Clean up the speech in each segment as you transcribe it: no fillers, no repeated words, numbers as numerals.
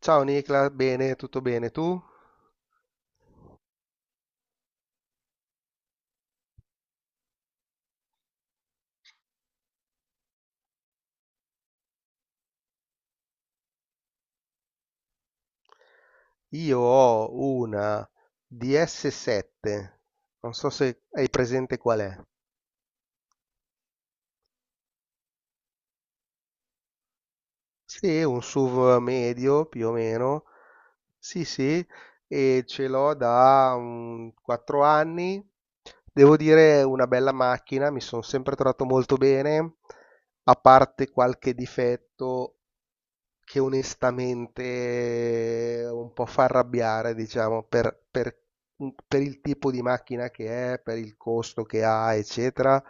Ciao Nicla, bene, tutto bene tu? Io ho una DS7, non so se hai presente qual è. Sì, un SUV medio più o meno. Sì, sì, e ce l'ho da 4 anni. Devo dire, è una bella macchina, mi sono sempre trovato molto bene, a parte qualche difetto che onestamente un po' fa arrabbiare, diciamo, per il tipo di macchina che è, per il costo che ha, eccetera.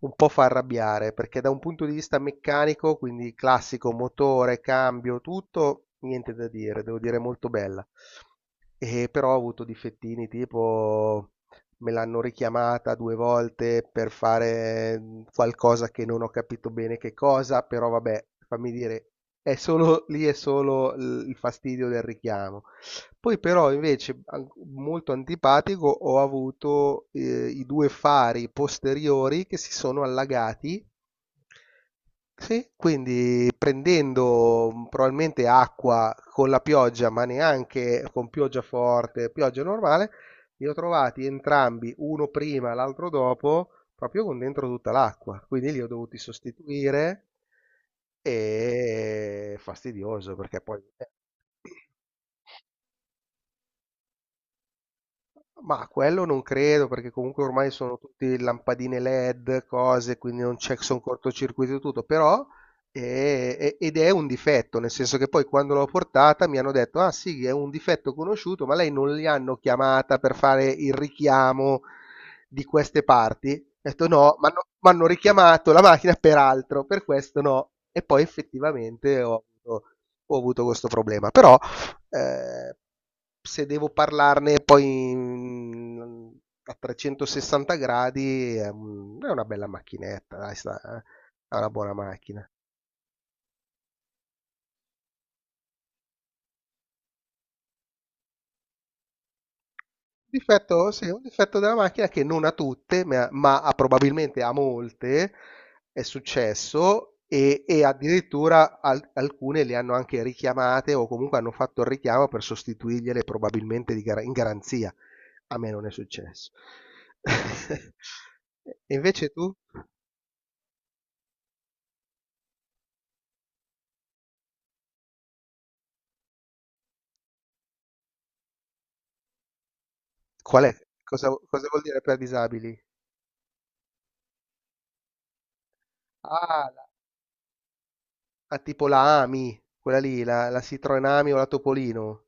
Un po' fa arrabbiare perché da un punto di vista meccanico, quindi classico motore, cambio, tutto, niente da dire, devo dire molto bella. E però ho avuto difettini tipo me l'hanno richiamata due volte per fare qualcosa che non ho capito bene che cosa, però vabbè, fammi dire, è solo il fastidio del richiamo. Poi però invece molto antipatico ho avuto i due fari posteriori che si sono allagati. Sì, quindi prendendo probabilmente acqua con la pioggia, ma neanche con pioggia forte, pioggia normale, li ho trovati entrambi, uno prima, l'altro dopo, proprio con dentro tutta l'acqua. Quindi li ho dovuti sostituire e fastidioso perché poi. Ma quello non credo, perché comunque ormai sono tutti lampadine LED, cose, quindi non c'è sono cortocircuito e tutto, però ed è un difetto, nel senso che poi quando l'ho portata mi hanno detto, ah sì, è un difetto conosciuto, ma lei non li hanno chiamata per fare il richiamo di queste parti? Ho detto no, ma hanno richiamato la macchina per altro, per questo no. E poi effettivamente ho avuto questo problema, però... Eh, Se devo parlarne poi a 360 gradi è una bella macchinetta, dai, è una buona macchina. Difetto, sì, un difetto della macchina che non a tutte, ma probabilmente a molte è successo e addirittura alcune le hanno anche richiamate o comunque hanno fatto il richiamo per sostituirgliele probabilmente in garanzia. A me non è successo. E invece tu? Qual è? Cosa vuol dire per disabili? Ah, tipo la AMI, quella lì, la Citroen AMI o la Topolino.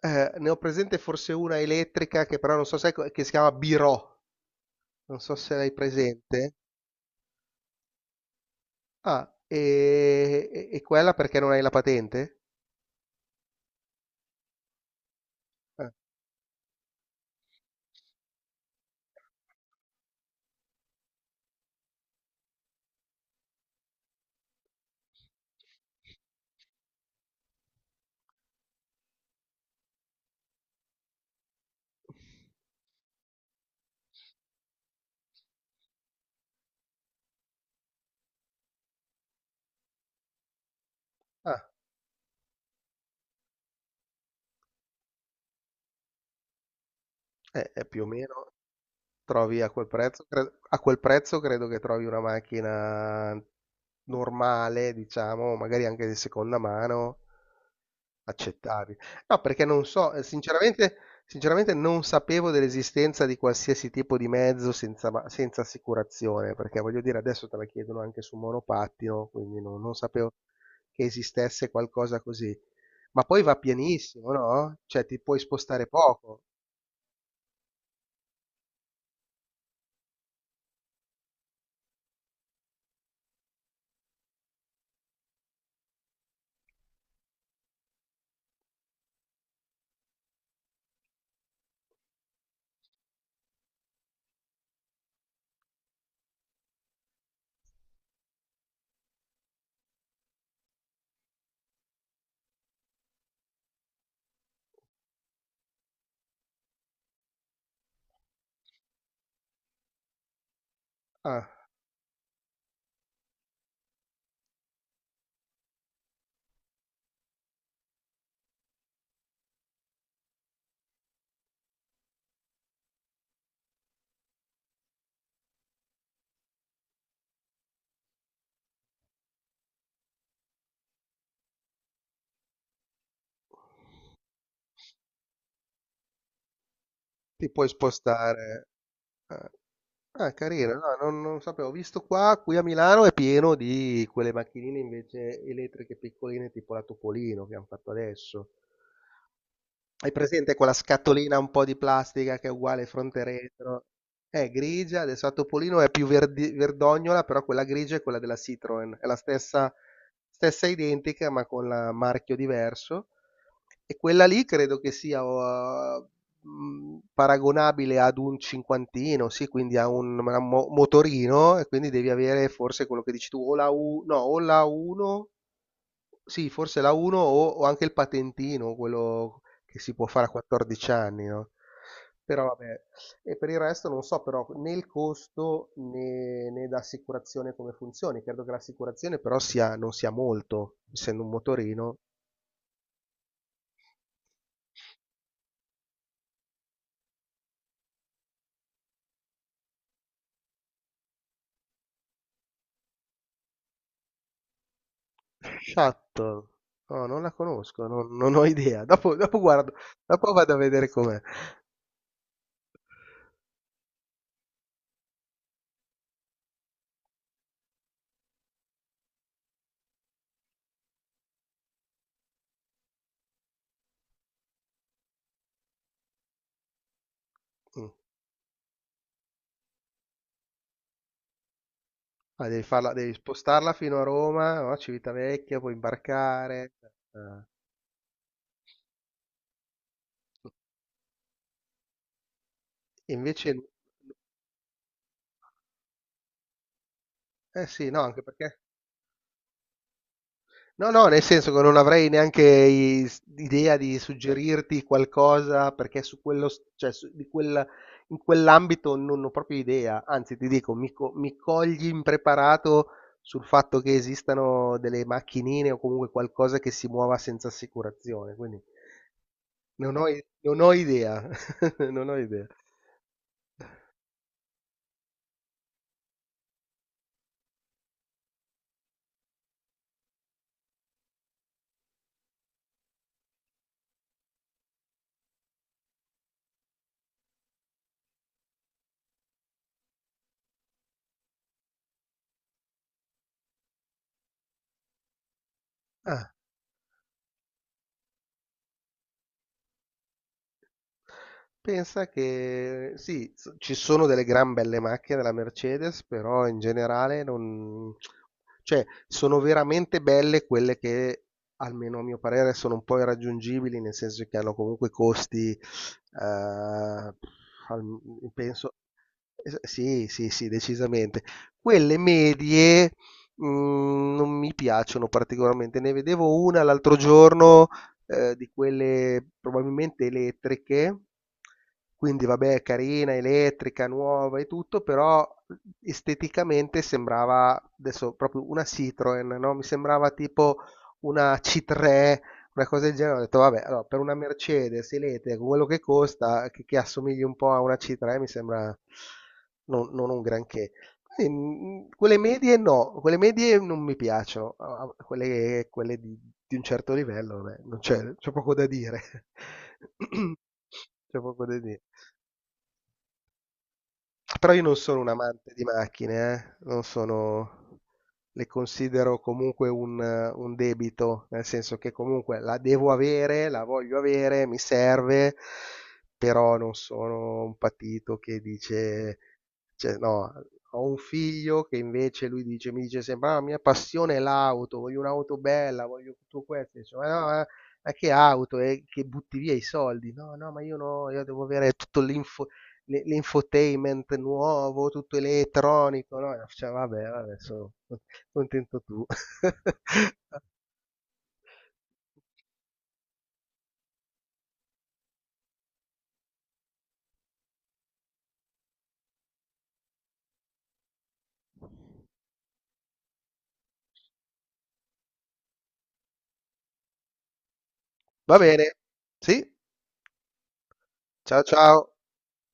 Ne ho presente forse una elettrica che però non so se che si chiama Biro, non so se l'hai presente. Ah, e quella perché non hai la patente? Ah, ah, Più o meno trovi a quel prezzo, a quel prezzo credo che trovi una macchina normale, diciamo, magari anche di seconda mano. Accettabile. No, perché non so, sinceramente non sapevo dell'esistenza di qualsiasi tipo di mezzo senza, senza assicurazione, perché voglio dire, adesso te la chiedono anche su monopattino, quindi non sapevo che esistesse qualcosa così. Ma poi va pienissimo, no? Cioè ti puoi spostare poco. Ah, ti puoi spostare. eh, Ah, carino, no, non sapevo. Ho visto qua, qui a Milano è pieno di quelle macchinine invece elettriche piccoline tipo la Topolino che hanno fatto adesso. Hai presente quella scatolina un po' di plastica che è uguale fronte e retro? È grigia, adesso a Topolino è più verdognola, però quella grigia è quella della Citroen, è la stessa, stessa identica ma con la marchio diverso. E quella lì credo che sia paragonabile ad un cinquantino, sì, quindi a un, motorino, e quindi devi avere forse quello che dici tu, o la, U, no, o la 1 sì, forse la 1 o anche il patentino, quello che si può fare a 14 anni, no? Però vabbè, e per il resto non so però né il costo né l'assicurazione come funzioni. Credo che l'assicurazione però sia, non sia molto, essendo un motorino. Shuttle, no, non la conosco, non ho idea. Dopo guardo, dopo vado a vedere com'è. Mm. Ah, devi farla, devi spostarla fino a Roma, no? Civitavecchia, poi imbarcare. Eh. E Invece Eh sì, no, anche perché... No, no, nel senso che non avrei neanche idea di suggerirti qualcosa perché su quello, cioè in quell'ambito non ho proprio idea. Anzi, ti dico, mi cogli impreparato sul fatto che esistano delle macchinine o comunque qualcosa che si muova senza assicurazione. Quindi non ho idea. Non ho idea. Ah. Pensa che sì, ci sono delle gran belle macchine della Mercedes, però in generale non... cioè, sono veramente belle quelle che, almeno a mio parere, sono un po' irraggiungibili, nel senso che hanno comunque costi, al- penso... Sì, sì, sì, decisamente. Quelle medie, non mi piacciono particolarmente. Ne vedevo una l'altro giorno di quelle probabilmente elettriche, quindi vabbè, carina, elettrica, nuova e tutto, però esteticamente sembrava adesso proprio una Citroen, no? Mi sembrava tipo una C3, una cosa del genere. Ho detto, vabbè, allora, per una Mercedes elettrica, con quello che costa, che assomigli un po' a una C3, mi sembra non un granché. Sì, quelle medie no, quelle medie non mi piacciono, ah, quelle di un certo livello, vabbè, non c'è, c'è poco da dire. C'è poco da dire. Però io non sono un amante di macchine, eh. Non sono, le considero comunque un debito, nel senso che comunque la devo avere, la voglio avere, mi serve, però non sono un patito che dice, cioè, no, ho un figlio che invece lui dice, mi dice sempre, ah, la mia passione è l'auto, voglio un'auto bella, voglio tutto questo, dice, ma no, ma che auto, e che butti via i soldi? No, no, ma io no, io devo avere tutto l'infotainment nuovo, tutto elettronico, no? Cioè, vabbè, vabbè, sono contento tu. Va bene, sì, ciao ciao.